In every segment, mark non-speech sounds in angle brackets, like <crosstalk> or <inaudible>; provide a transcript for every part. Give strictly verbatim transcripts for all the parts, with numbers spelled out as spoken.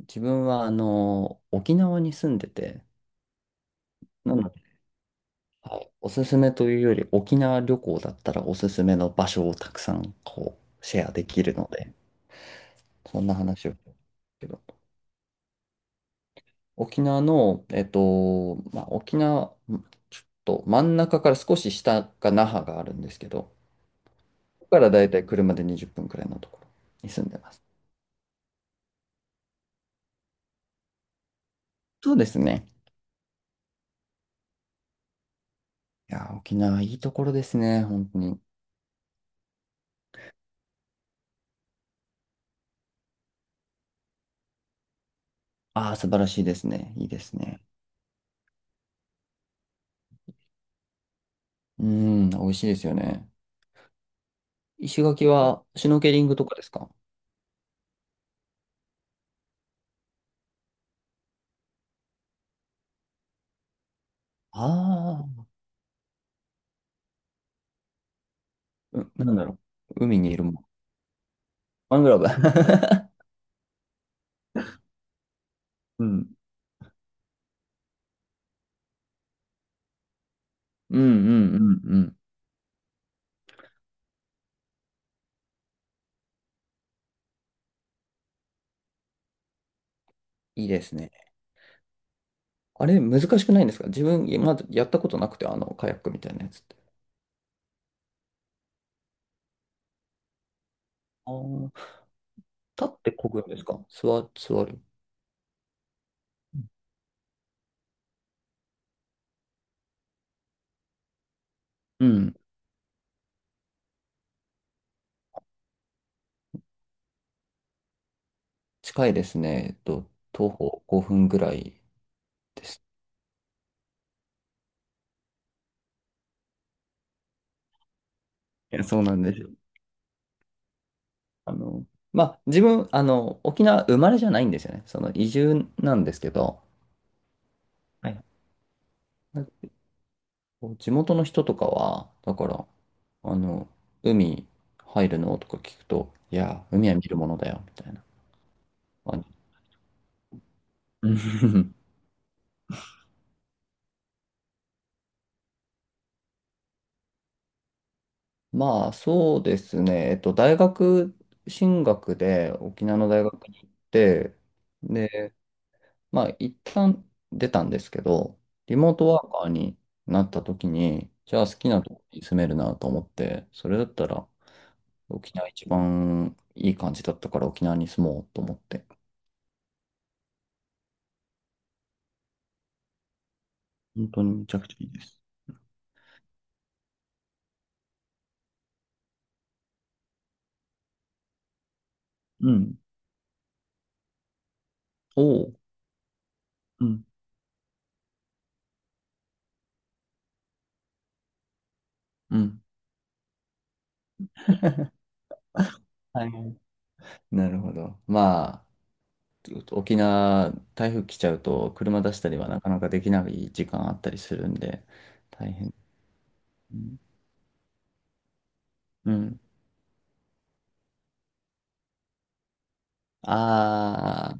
自分はあの沖縄に住んでて、なので、はい、おすすめというより沖縄旅行だったらおすすめの場所をたくさんこうシェアできるので、そんな話を。けど沖縄の、えっと、まあ、沖縄、んちょっと真ん中から少し下が那覇があるんですけど、ここからだいたい車でにじゅっぷんくらいのところに住んでます。そうですね。いや、沖縄いいところですね、本当に。ああ、素晴らしいですね。いいですね。うん、美味しいですよね。石垣はシュノーケリングとかですか？あう、あー、うなんだろう、海にいるもん。マングローブ。<laughs> う。うん。うんうんうんうん。いいですね。あれ、難しくないんですか？自分、まだやったことなくて、あの、カヤックみたいなやつって。あー、立って漕ぐんですか？座、座る。うん。近いですね。えっと、徒歩ごふんぐらいです。いや、そうなんですよ。あの、まあ、自分、あの、沖縄生まれじゃないんですよね。その移住なんですけど、はい。こう地元の人とかは、だから、あの、海入るのとか聞くと、いや、海は見るものだよ、みたいな感じ。うん、まあ、そうですね。えっと、大学進学で沖縄の大学に行って、で、まあ、一旦出たんですけど、リモートワーカーになった時に、じゃあ好きなとこに住めるなと思って、それだったら沖縄一番いい感じだったから沖縄に住もうと思って、本当にめちゃくちゃいいです。うん。おお、うん。うん。はい。なるほど。まあ、沖縄、台風来ちゃうと、車出したりはなかなかできない時間あったりするんで、大変。うん。あ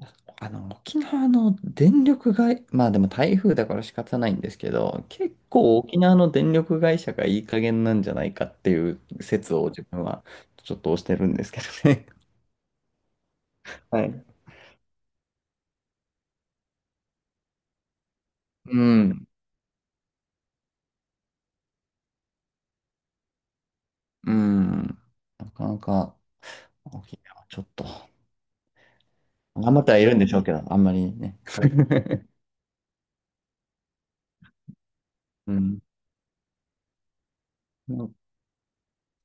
あ、あの、沖縄の電力会、まあでも台風だから仕方ないんですけど、結構沖縄の電力会社がいい加減なんじゃないかっていう説を自分はちょっと推してるんですけどね。<laughs> はい。うん、うん。なかなか。沖縄、ちょっと。頑張ってはいるんでしょうけど、あんまりね。<laughs> うん。まあ、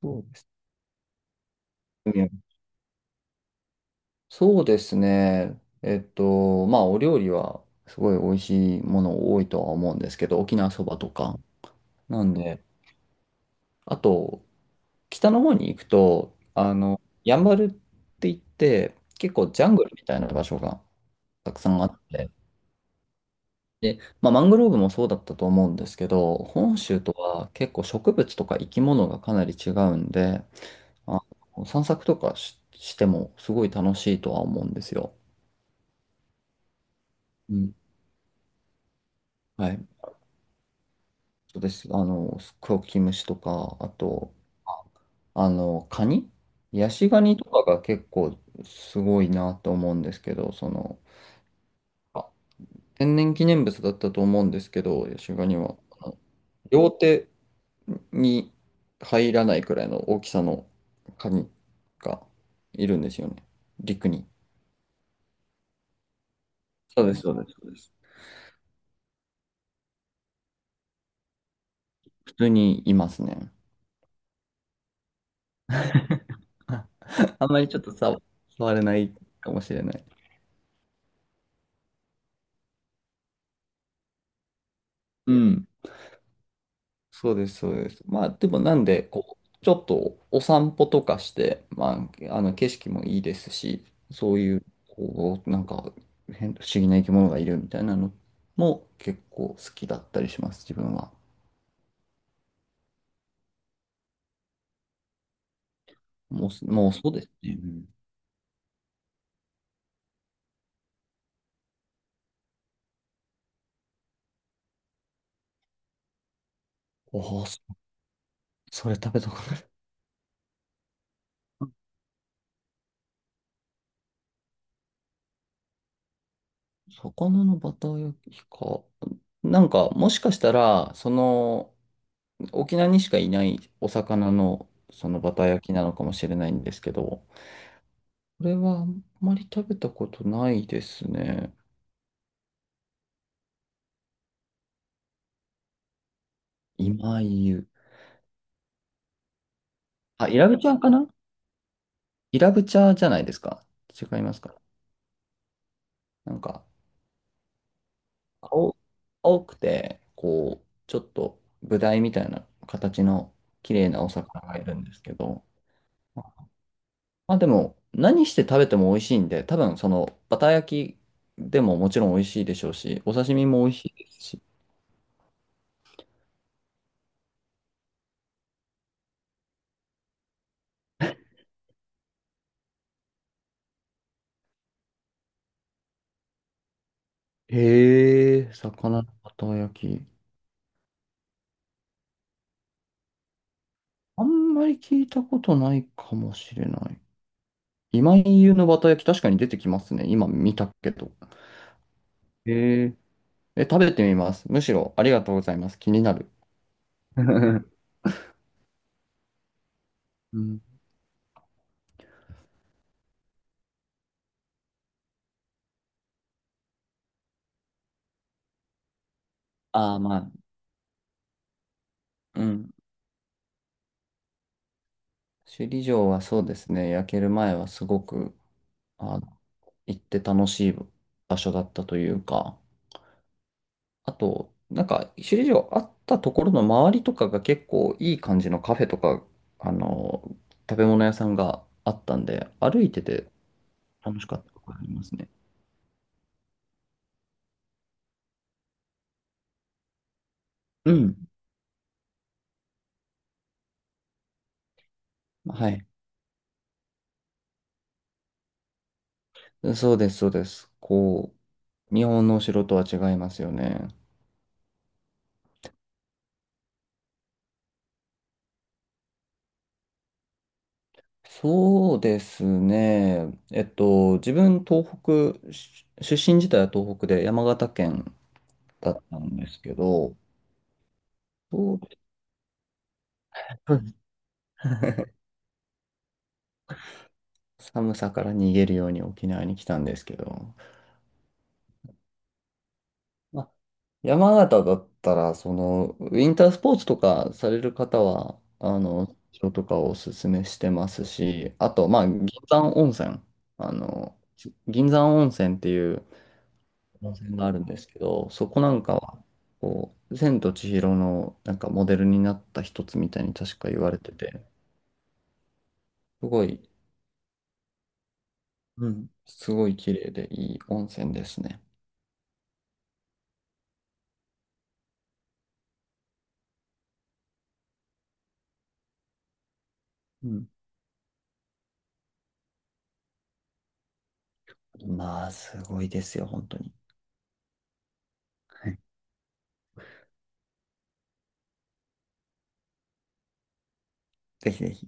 そうですね。そうですね。えっと、まあ、お料理はすごい美味しいもの多いとは思うんですけど、沖縄そばとか。なんで、あと、北の方に行くと、あの、やんばるって言って、結構ジャングルみたいな場所がたくさんあって、で、まあ、マングローブもそうだったと思うんですけど、本州とは結構植物とか生き物がかなり違うんで、あ、散策とかし、してもすごい楽しいとは思うんですよ。うん。はい。そうです。あの、クキムシとか、あと、ああの、カニヤシガニとかが結構すごいなと思うんですけど、その、あ天然記念物だったと思うんですけど、ヤシガニは、あの両手に入らないくらいの大きさのカニがいるんですよね。陸に。そうです、そうです、そうです。普通にいますね。あんまりちょっとさ、触れないかもしれない。うん。そうです、そうです。まあ、でもなんで、こう、ちょっとお散歩とかして、まあ、あの景色もいいですし、そういう、こう、なんか変、不思議な生き物がいるみたいなのも結構好きだったりします、自分は。もう、もうそうですね。おお、そそれ食べたことない。魚のバター焼きか。なんか、もしかしたら、その、沖縄にしかいないお魚のそのバター焼きなのかもしれないんですけど、これはあんまり食べたことないですね。今湯。あ、イラブチャーかな？イラブチャーじゃないですか？違いますか？なんか、青、青くて、こう、ちょっとブダイみたいな形の綺麗なお魚がいるんですけど、まあでも、何して食べても美味しいんで、多分そのバター焼きでももちろん美味しいでしょうし、お刺身も美味しいですし、へえ、魚のバター焼き。あんまり聞いたことないかもしれない。今井優のバター焼き、確かに出てきますね。今見たけど。へえ。え、食べてみます。むしろありがとうございます。気になる。<laughs> うん。ああ、まあ、うん。首里城はそうですね。焼ける前はすごく、あ、行って楽しい場所だったというか。あと、なんか、首里城あったところの周りとかが結構いい感じのカフェとか、あの、食べ物屋さんがあったんで、歩いてて楽しかったところがありますね。うん。はい。そうです、そうです。こう、日本のお城とは違いますよね。そうですね。えっと、自分、東北、し出身自体は東北で山形県だったんですけど、そう。 <laughs> 寒さから逃げるように沖縄に来たんですけど、まあ山形だったら、その、ウィンタースポーツとかされる方は、あの、人とかをおすすめしてますし、あと、まあ、銀山温泉、あの、銀山温泉っていう温泉があるんですけど、そこなんかは、こう、千と千尋のなんかモデルになった一つみたいに確か言われてて、すごい、うん、すごい綺麗でいい温泉ですね。うん。まあ、すごいですよ、本当に。はい、ぜひぜひ。